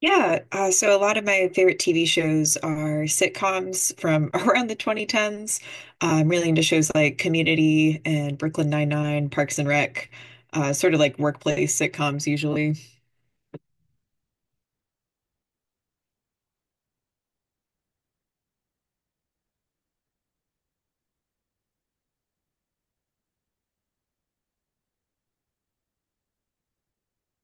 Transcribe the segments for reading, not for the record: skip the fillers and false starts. Yeah, so a lot of my favorite TV shows are sitcoms from around the 2010s. I'm really into shows like Community and Brooklyn Nine-Nine, Parks and Rec, sort of like workplace sitcoms usually.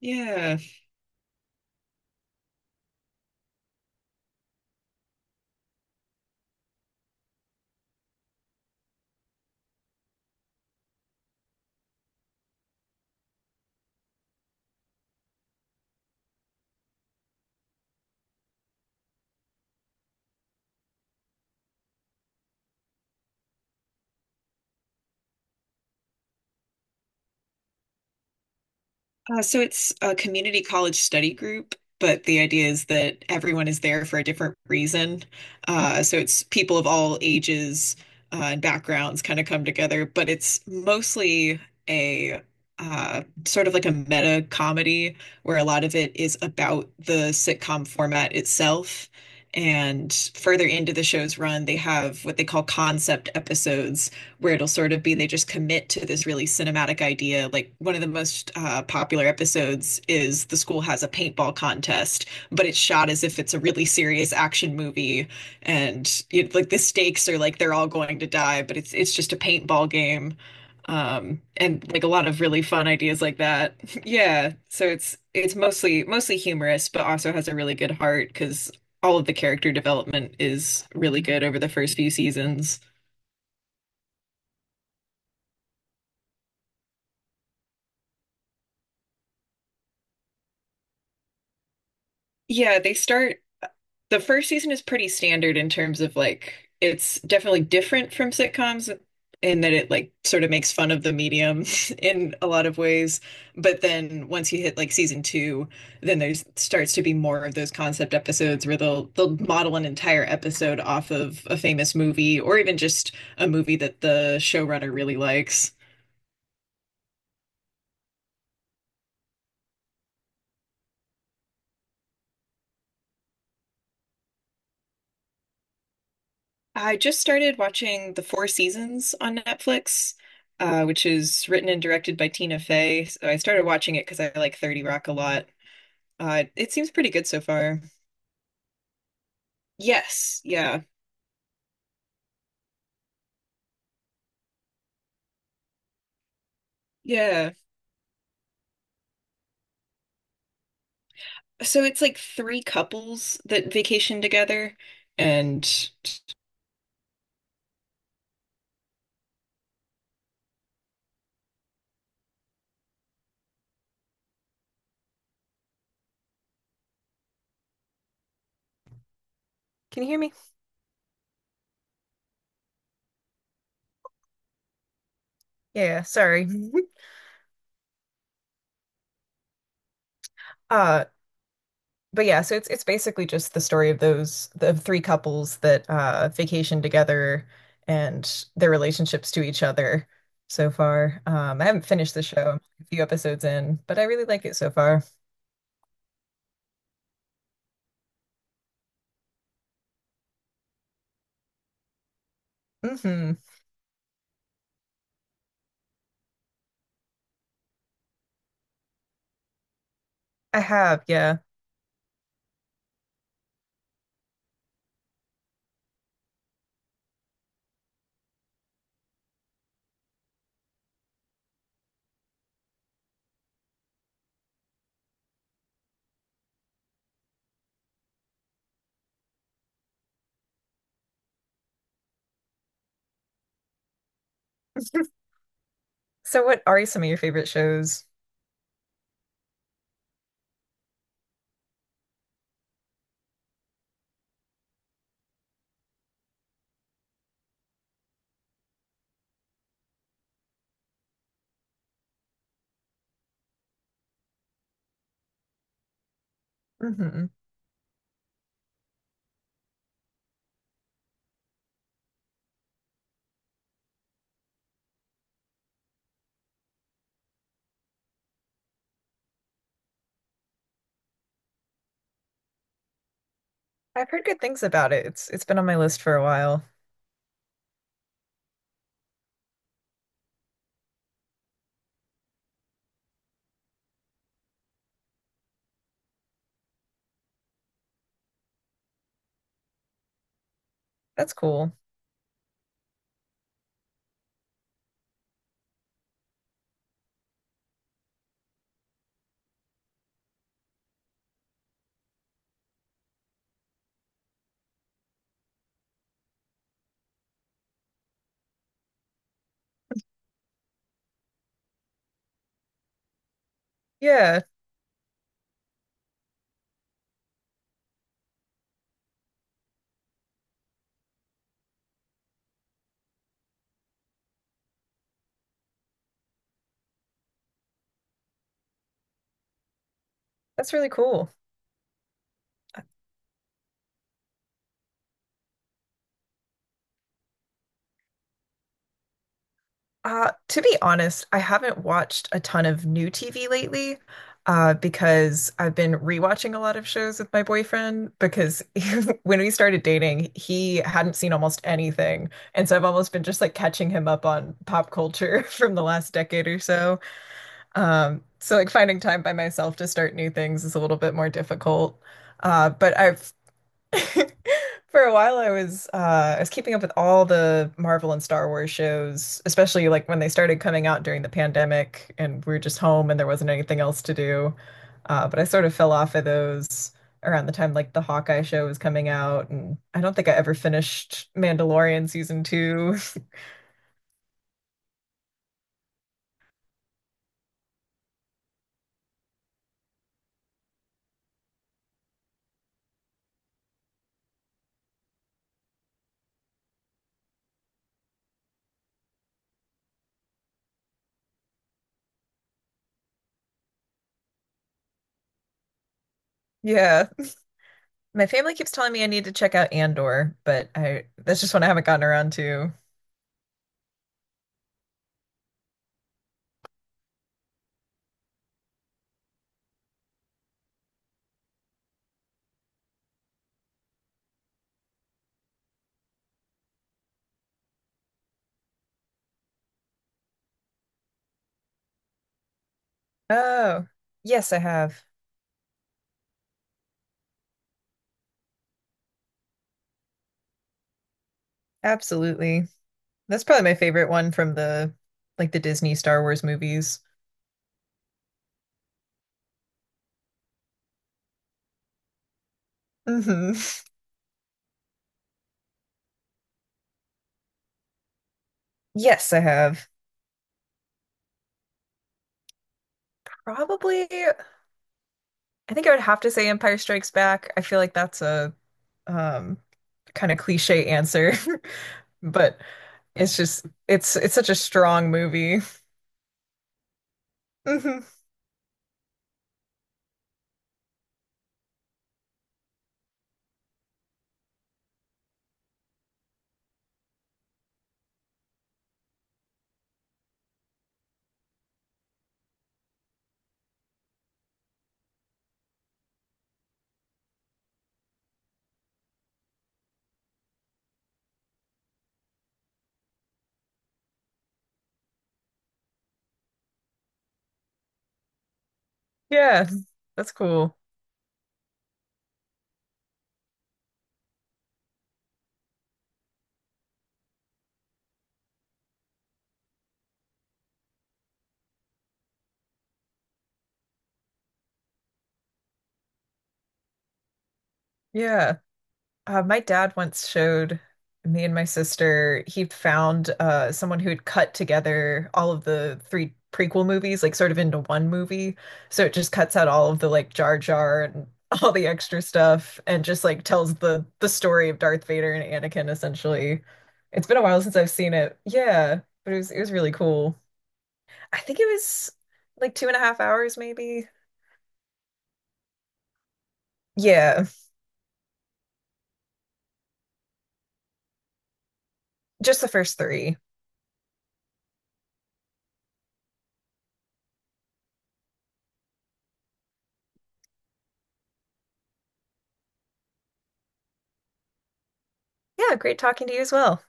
Yeah. So it's a community college study group, but the idea is that everyone is there for a different reason. So it's people of all ages and backgrounds kind of come together, but it's mostly a sort of like a meta comedy where a lot of it is about the sitcom format itself. And further into the show's run, they have what they call concept episodes where it'll sort of be they just commit to this really cinematic idea. Like one of the most popular episodes is the school has a paintball contest, but it's shot as if it's a really serious action movie, and you like the stakes are like they're all going to die, but it's just a paintball game. And like a lot of really fun ideas like that. Yeah, so it's mostly humorous, but also has a really good heart because all of the character development is really good over the first few seasons. Yeah, The first season is pretty standard in terms of like it's definitely different from sitcoms in that it like sort of makes fun of the medium in a lot of ways. But then once you hit like season two, then there's starts to be more of those concept episodes where they'll model an entire episode off of a famous movie or even just a movie that the showrunner really likes. I just started watching The Four Seasons on Netflix, which is written and directed by Tina Fey. So I started watching it because I like 30 Rock a lot. It seems pretty good so far. Yes, yeah, yeah. So it's like three couples that vacation together, and Can you hear me? Yeah, sorry. Uh, but yeah, so it's basically just the story of those the three couples that vacation together and their relationships to each other so far. I haven't finished the show. I'm a few episodes in, but I really like it so far. Hmm. I have, yeah. So what are some of your favorite shows? Hmm. I've heard good things about it. It's been on my list for a while. That's cool. Yeah, that's really cool. To be honest, I haven't watched a ton of new TV lately, because I've been rewatching a lot of shows with my boyfriend because when we started dating, he hadn't seen almost anything. And so I've almost been just like catching him up on pop culture from the last decade or so. So like finding time by myself to start new things is a little bit more difficult. But I've For a while, I was keeping up with all the Marvel and Star Wars shows, especially like when they started coming out during the pandemic, and we were just home and there wasn't anything else to do. But I sort of fell off of those around the time like the Hawkeye show was coming out, and I don't think I ever finished Mandalorian season two. Yeah, my family keeps telling me I need to check out Andor, but I that's just one I haven't gotten around to. Oh, yes, I have. Absolutely. That's probably my favorite one from the like the Disney Star Wars movies. Hmm. Yes, I have. Probably, I think I would have to say Empire Strikes Back. I feel like that's a um kind of cliche answer, but it's just it's such a strong movie. Yeah, that's cool. Yeah. My dad once showed me and my sister, he found someone who had cut together all of the three prequel movies, like sort of into one movie. So it just cuts out all of the like Jar Jar and all the extra stuff and just like tells the story of Darth Vader and Anakin essentially. It's been a while since I've seen it. Yeah, but it was really cool. I think it was like two and a half hours maybe. Yeah, just the first three. Yeah, great talking to you as well.